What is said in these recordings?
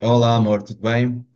Olá, amor, tudo bem?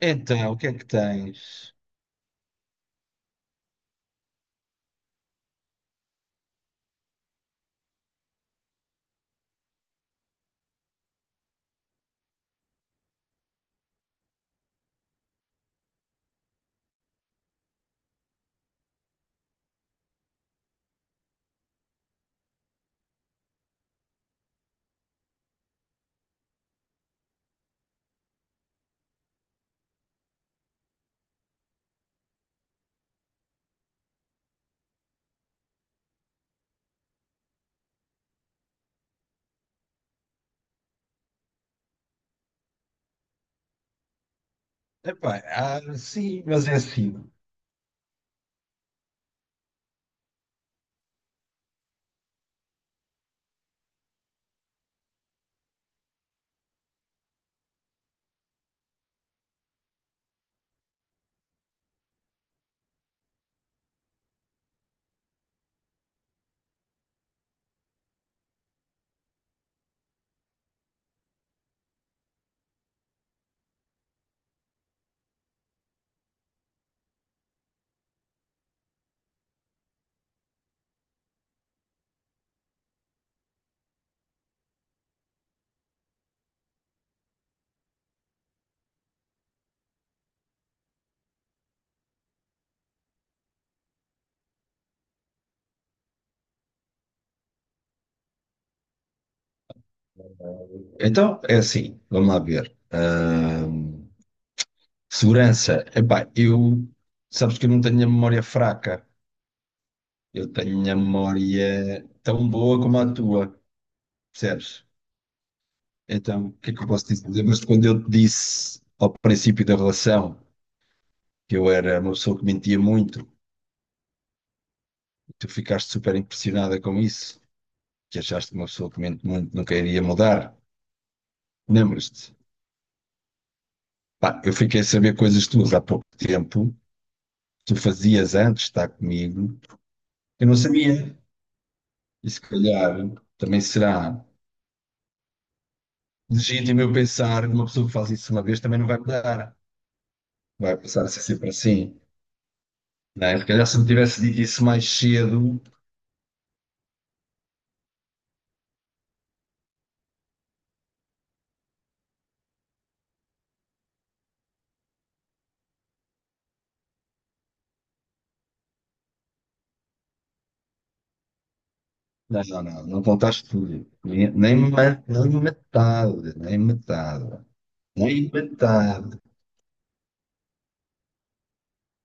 Então, o que é que tens? Epá, sim, mas é assim. Então, é assim, vamos lá ver. Segurança. Epá, eu, sabes que eu não tenho a memória fraca. Eu tenho a memória tão boa como a tua, percebes? Então, o que é que eu posso dizer? Lembras-te quando eu te disse ao princípio da relação que eu era uma pessoa que mentia muito? Tu ficaste super impressionada com isso, que achaste que uma pessoa que mente muito nunca iria mudar. Lembras-te? Pá, eu fiquei a saber coisas tuas há pouco tempo, que tu fazias antes de estar comigo, eu não sabia. E se calhar também será legítimo eu pensar que uma pessoa que faz isso uma vez também não vai mudar, vai passar a ser sempre assim. Não é? Se calhar se me tivesse dito isso mais cedo, não, não, não, não contaste tudo. Nem, nem, ma- nem metade, nem metade, nem metade.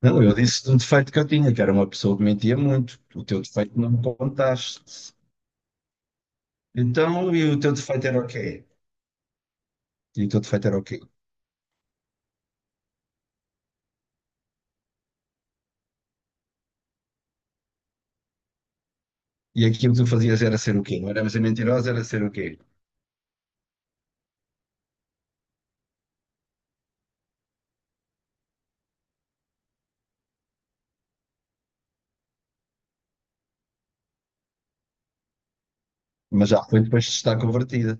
Não, eu disse-te um defeito que eu tinha, que era uma pessoa que mentia muito. O teu defeito não me contaste. Então, e o teu defeito era o quê? E o teu defeito era o quê? E aquilo que tu fazias era ser o quê? Não era ser mentirosa, era ser o quê? Mas já foi depois de estar convertida.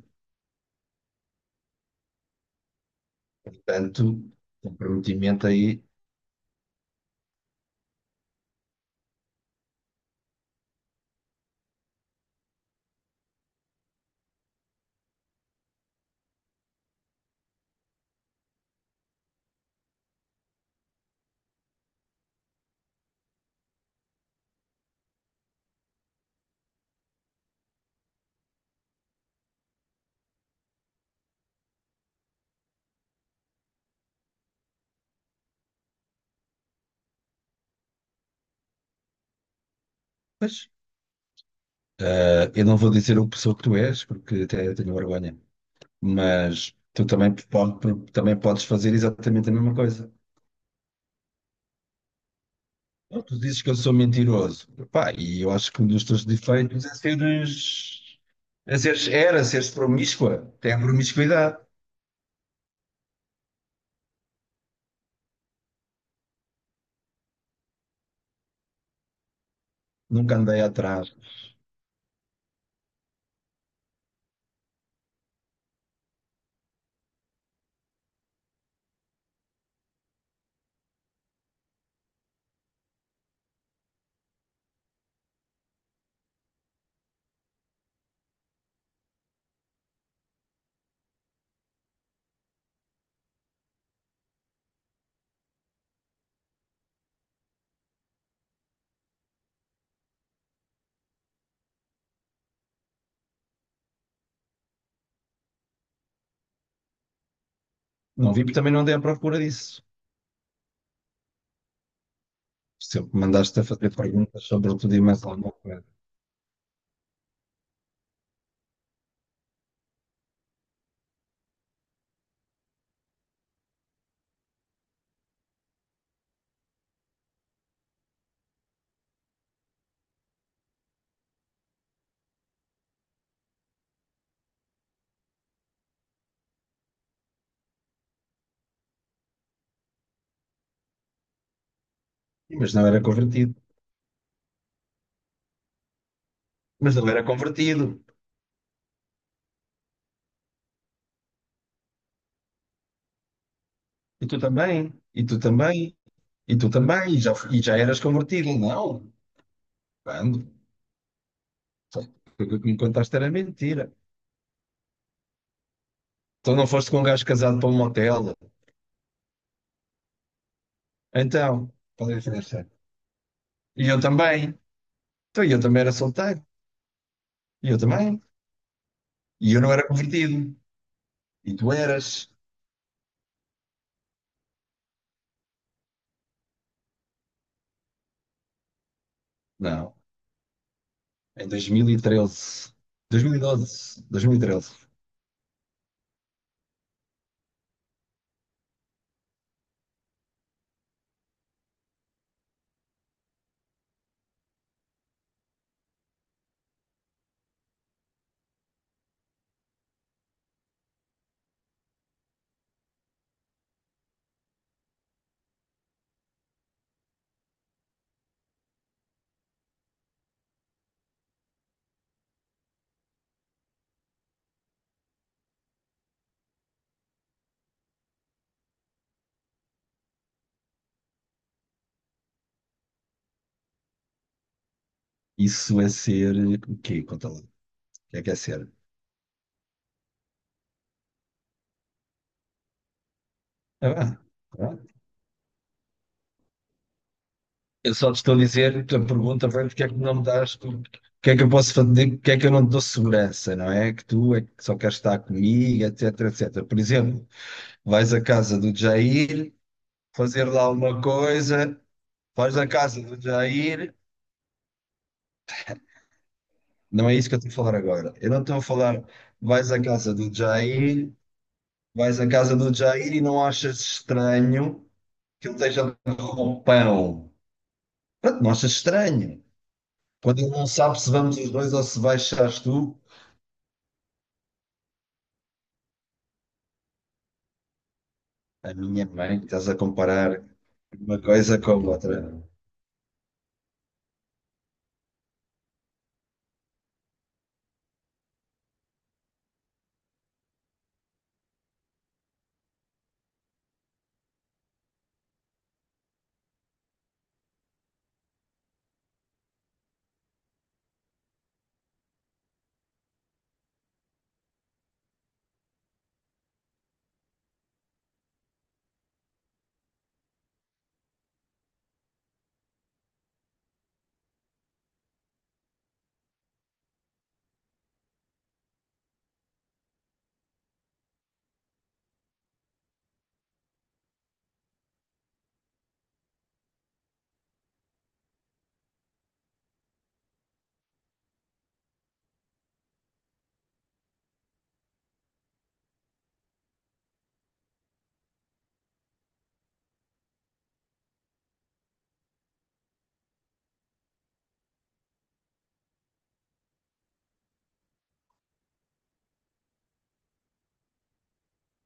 Portanto, comprometimento aí. Pois, eu não vou dizer o pessoa que tu és, porque até tenho vergonha. Mas tu também, pode, também podes fazer exatamente a mesma coisa. Ou tu dizes que eu sou mentiroso. Pá, e eu acho que um dos teus defeitos é seres, era seres promíscua. Tem a promiscuidade. Nunca andei atrás. Não vi, porque também não andei à procura disso. Sempre mandaste a fazer perguntas sobre tudo e mais alguma coisa. E, mas não era convertido. Mas não era convertido. E tu também. E tu também. E tu também. E já eras convertido. Não. Quando? Tudo o que me contaste era mentira. Então não foste com um gajo casado para um motel. Então, qual é a diferença? E eu também. Então e eu também era solteiro. E eu também. E eu não era convertido. E tu eras. Não. Em 2013. 2012. 2013. Isso é ser o quê? Conta lá. O que é ser? Ah, ah. Eu só te estou a dizer, a pergunta foi porque é que não me dás, o que é que eu posso fazer, porque é que eu não te dou segurança, não é? Que tu é que só queres estar comigo, etc, etc. Por exemplo, vais à casa do Jair, fazer lá alguma coisa, vais à casa do Jair, não é isso que eu estou a falar agora. Eu não estou a falar, vais à casa do Jair, vais à casa do Jair e não achas estranho que ele esteja de roupão. Pronto, não achas estranho? Quando ele não sabe se vamos os dois ou se baixas tu, a minha mãe, estás a comparar uma coisa com a outra.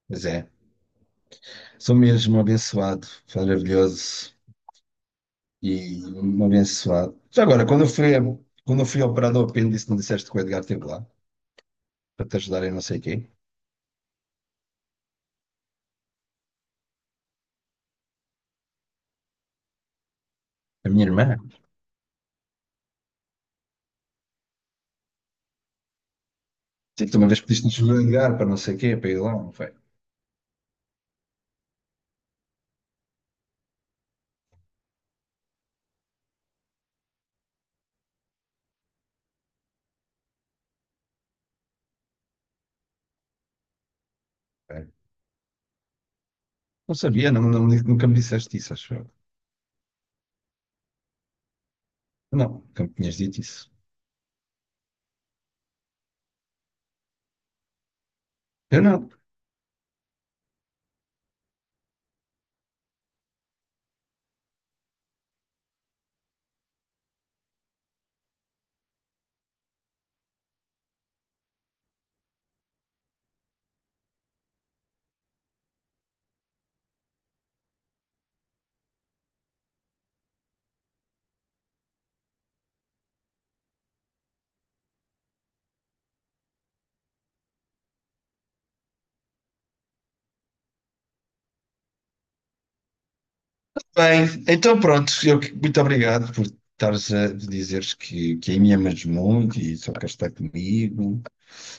Pois é, sou mesmo um abençoado, maravilhoso e um abençoado. Já agora, quando eu fui operado ao apêndice, não disseste que o Edgar esteve lá para te ajudar em não sei o quê? A minha irmã? Sim, tu uma vez pediste-nos o Edgar para não sei o quê, para ir lá, não foi? Foi. Não sabia, não, não- nunca me disseste isso, acho eu. Não, nunca me tinhas dito isso. Eu não. Bem, então pronto, eu, que- muito obrigado por estares a dizeres que aí me amas muito e só queres estar comigo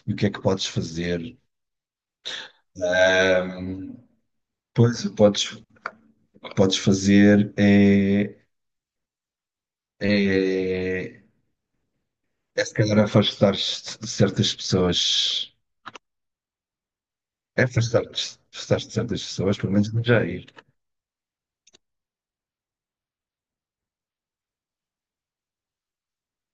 e o que é que podes fazer. Ahm, pois, o que podes fazer é, é, é se calhar afastar-te de certas pessoas, é afastar-te de certas pessoas, pelo menos já